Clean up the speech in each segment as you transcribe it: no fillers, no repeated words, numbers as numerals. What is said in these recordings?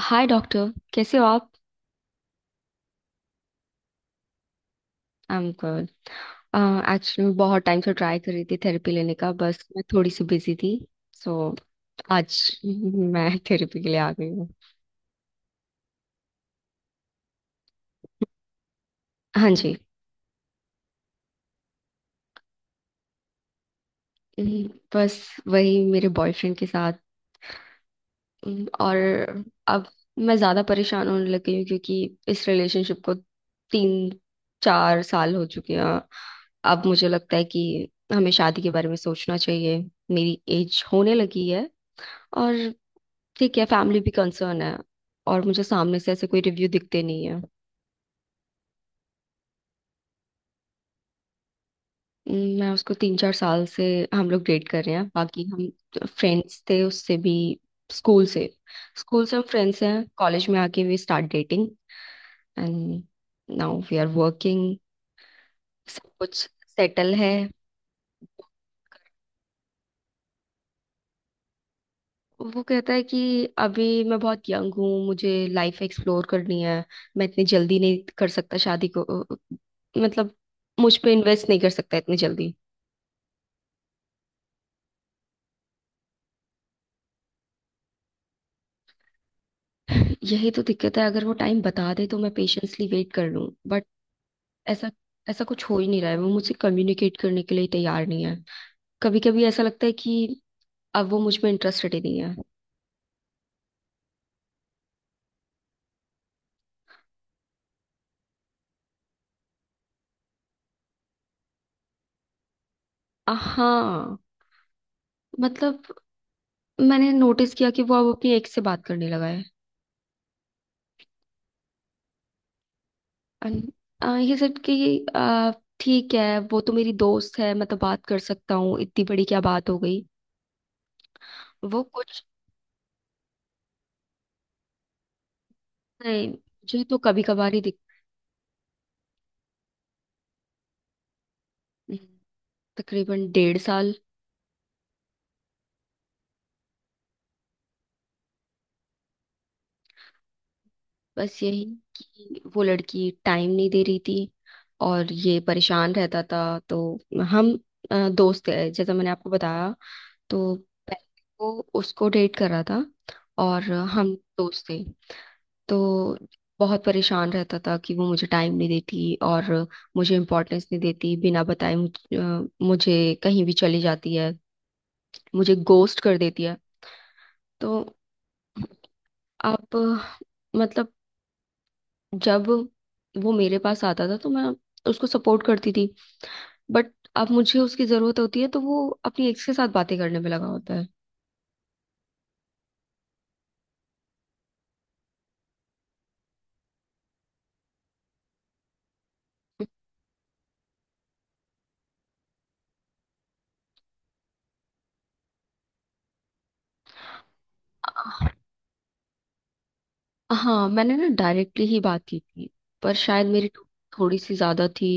हाय doctor, कैसे हो आप। I am good. एक्चुअली मैं बहुत टाइम से ट्राई कर रही थी थेरेपी लेने का, बस मैं थोड़ी सी बिजी थी। सो आज मैं थेरेपी के लिए आ गई हूँ। हाँ जी। हम्म, बस वही, मेरे बॉयफ्रेंड के साथ। और अब मैं ज़्यादा परेशान होने लगी हूँ क्योंकि इस रिलेशनशिप को तीन चार साल हो चुके हैं। अब मुझे लगता है कि हमें शादी के बारे में सोचना चाहिए। मेरी एज होने लगी है। और ठीक है, फैमिली भी कंसर्न है। और मुझे सामने से ऐसे कोई रिव्यू दिखते नहीं है। मैं उसको तीन चार साल से हम लोग डेट कर रहे हैं, बाकी हम फ्रेंड्स थे उससे भी, स्कूल से। स्कूल से हम फ्रेंड्स हैं, कॉलेज में आके we start dating and now we are working. सब कुछ सेटल है। वो कहता है कि अभी मैं बहुत यंग हूँ, मुझे लाइफ एक्सप्लोर करनी है, मैं इतनी जल्दी नहीं कर सकता शादी को। मतलब मुझ पे इन्वेस्ट नहीं कर सकता इतनी जल्दी। यही तो दिक्कत है, अगर वो टाइम बता दे तो मैं पेशेंसली वेट कर लूं, बट ऐसा ऐसा कुछ हो ही नहीं रहा है। वो मुझसे कम्युनिकेट करने के लिए तैयार नहीं है। कभी कभी ऐसा लगता है कि अब वो मुझ में इंटरेस्टेड ही नहीं है। हाँ, मतलब मैंने नोटिस किया कि वो अब अपनी एक्स से बात करने लगा है। And, ये सब कि अ, ठीक है वो तो मेरी दोस्त है, मैं तो बात कर सकता हूँ, इतनी बड़ी क्या बात हो गई। वो कुछ। नहीं, मुझे तो कभी कभार ही दिख। तकरीबन डेढ़ साल। बस यही कि वो लड़की टाइम नहीं दे रही थी और ये परेशान रहता था। तो हम दोस्त थे जैसा मैंने आपको बताया। तो पहले वो उसको डेट कर रहा था और हम दोस्त थे। तो बहुत परेशान रहता था कि वो मुझे टाइम नहीं देती और मुझे इम्पोर्टेंस नहीं देती, बिना बताए मुझे कहीं भी चली जाती है, मुझे गोस्ट कर देती है। तो अब मतलब जब वो मेरे पास आता था तो मैं उसको सपोर्ट करती थी, बट अब मुझे उसकी जरूरत होती है तो वो अपनी एक्स के साथ बातें करने में लगा होता है। हाँ मैंने ना डायरेक्टली ही बात की थी, पर शायद मेरी टोन थोड़ी सी ज्यादा थी।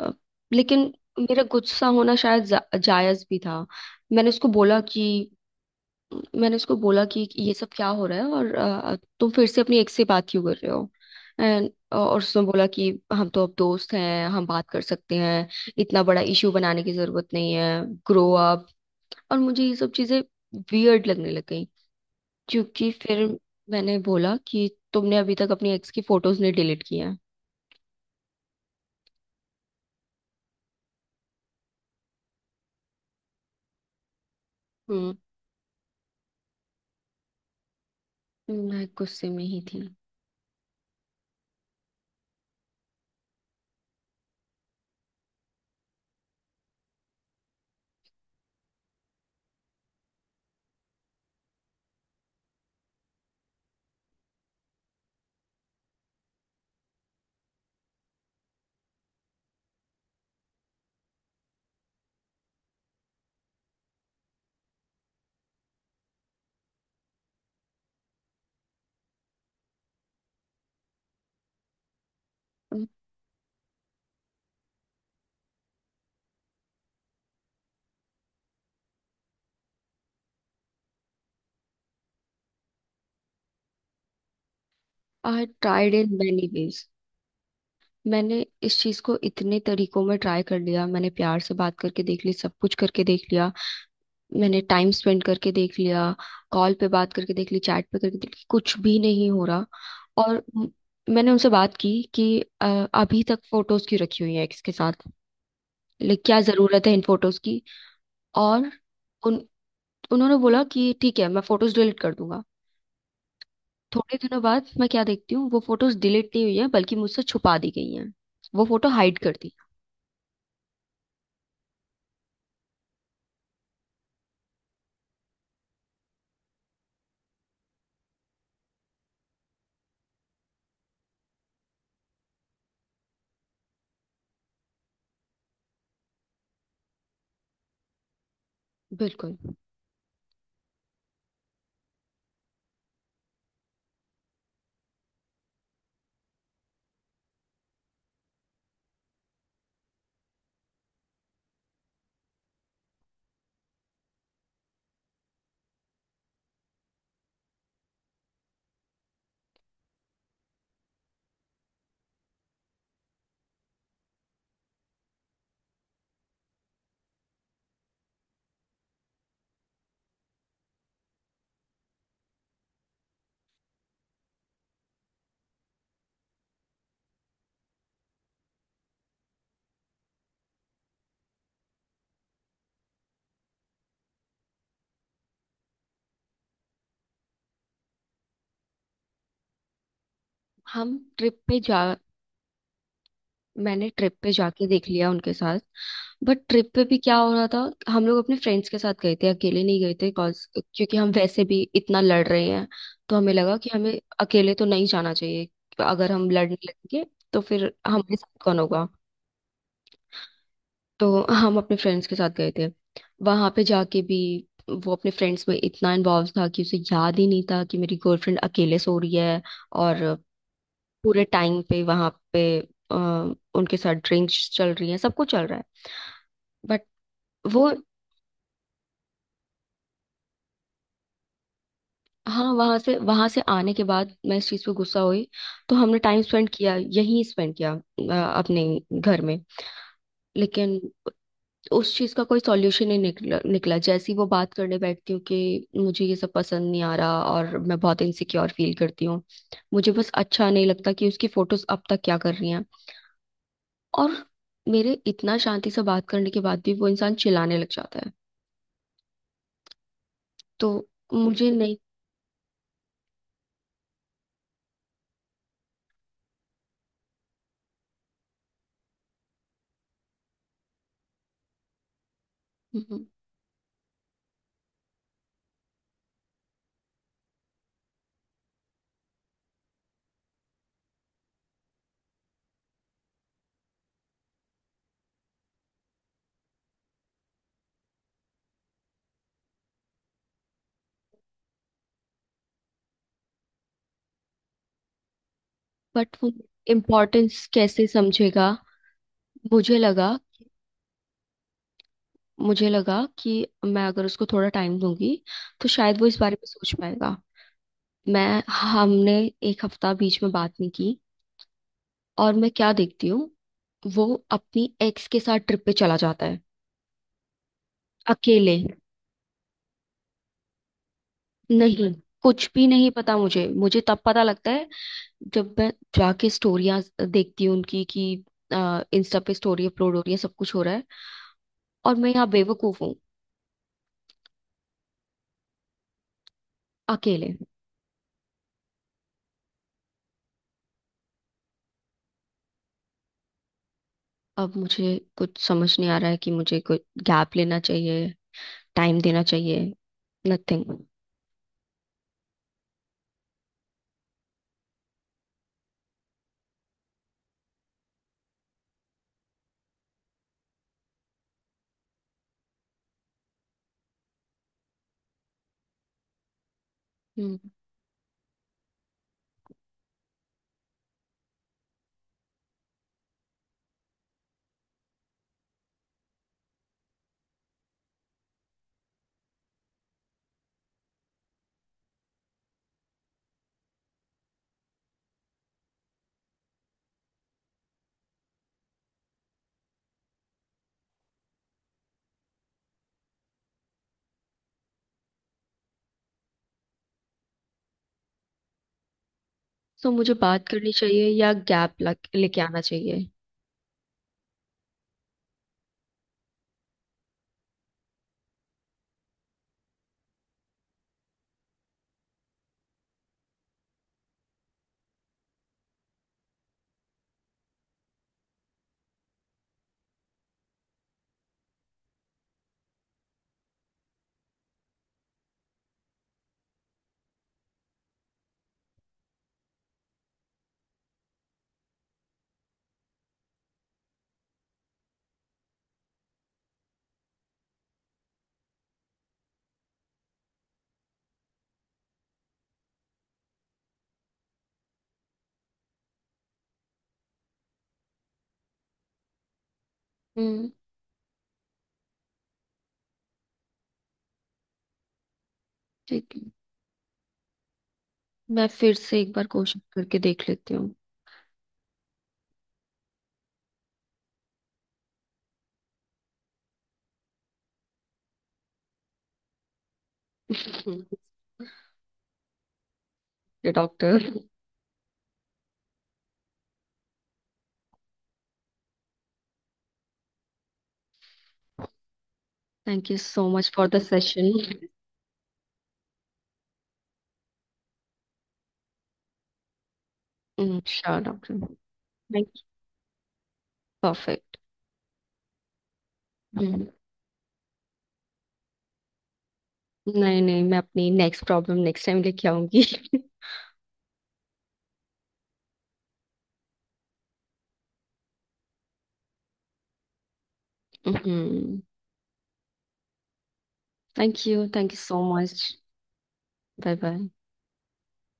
अ, लेकिन मेरा गुस्सा होना शायद जायज भी था। मैंने उसको बोला कि मैंने उसको बोला कि ये सब क्या हो रहा है और तुम फिर से अपनी एक्स से बात क्यों कर रहे हो। एंड और उसने बोला कि हम तो अब दोस्त हैं, हम बात कर सकते हैं, इतना बड़ा इशू बनाने की जरूरत नहीं है, ग्रो अप। और मुझे ये सब चीजें वियर्ड लगने लग गई क्योंकि फिर मैंने बोला कि तुमने अभी तक अपनी एक्स की फोटोज नहीं डिलीट की हैं। हम्म। मैं गुस्से में ही थी। I tried in many. मैंने इस चीज को इतने तरीकों में ट्राई कर लिया, मैंने प्यार से बात करके देख ली, सब कुछ करके देख लिया, मैंने टाइम स्पेंड करके देख लिया, कॉल पे बात करके देख ली, चैट पे करके देख ली, कुछ भी नहीं हो रहा। और मैंने उनसे बात की कि अभी तक फोटोज क्यों रखी हुई है एक्स के साथ, लाइक क्या जरूरत है इन फोटोज की। और उन उन्होंने बोला कि ठीक है मैं फोटोज डिलीट कर दूंगा। थोड़े दिनों बाद मैं क्या देखती हूँ वो फोटोज डिलीट नहीं हुई है, बल्कि मुझसे छुपा दी गई हैं, वो फोटो हाइड कर दी। बिल्कुल। हम ट्रिप पे जा मैंने ट्रिप पे जाके देख लिया उनके साथ, बट ट्रिप पे भी क्या हो रहा था, हम लोग अपने फ्रेंड्स के साथ गए थे, अकेले नहीं गए थे, कॉज क्योंकि हम वैसे भी इतना लड़ रहे हैं। तो हमें लगा कि हमें अकेले तो नहीं जाना चाहिए, अगर हम लड़ने लगेंगे तो फिर हमारे साथ कौन होगा। तो हम अपने फ्रेंड्स के साथ गए थे। वहां पे जाके भी वो अपने फ्रेंड्स में इतना इन्वॉल्व था कि उसे याद ही नहीं था कि मेरी गर्लफ्रेंड अकेले सो रही है। और पूरे टाइम पे वहां पे अ, उनके साथ ड्रिंक्स चल रही है, सब कुछ चल रहा है, बट वो। हाँ, वहां से आने के बाद मैं इस चीज पे गुस्सा हुई, तो हमने टाइम स्पेंड किया, यहीं स्पेंड किया अपने घर में। लेकिन उस चीज का कोई सॉल्यूशन नहीं निकला। निकला जैसे ही वो बात करने बैठती हूँ कि मुझे ये सब पसंद नहीं आ रहा और मैं बहुत इनसिक्योर फील करती हूँ, मुझे बस अच्छा नहीं लगता कि उसकी फोटोज अब तक क्या कर रही हैं। और मेरे इतना शांति से बात करने के बाद भी वो इंसान चिल्लाने लग जाता है। तो मुझे नहीं। बट वो इम्पोर्टेंस कैसे समझेगा। मुझे लगा मुझे लगा कि मैं अगर उसको थोड़ा टाइम दूंगी तो शायद वो इस बारे में सोच पाएगा। मैं हमने एक हफ्ता बीच में बात नहीं की और मैं क्या देखती हूँ वो अपनी एक्स के साथ ट्रिप पे चला जाता है अकेले। नहीं, कुछ भी नहीं पता मुझे मुझे तब पता लगता है जब मैं जाके स्टोरियाँ देखती हूँ उनकी कि इंस्टा पे स्टोरी अपलोड हो रही है, सब कुछ हो रहा है और मैं यहाँ बेवकूफ हूँ। अकेले। अब मुझे कुछ समझ नहीं आ रहा है कि मुझे कुछ गैप लेना चाहिए, टाइम देना चाहिए। नथिंग। हम्म। सो मुझे बात करनी चाहिए या गैप लेके आना चाहिए। हम्म। ठीक है, मैं फिर से एक बार कोशिश करके देख लेती हूँ। Doctor, thank you so much for the session. Sure doctor. Thank you. Perfect. नहीं नहीं, मैं अपनी नेक्स्ट प्रॉब्लम नेक्स्ट टाइम लेके आऊंगी। Thank you, thank you so much. Bye bye.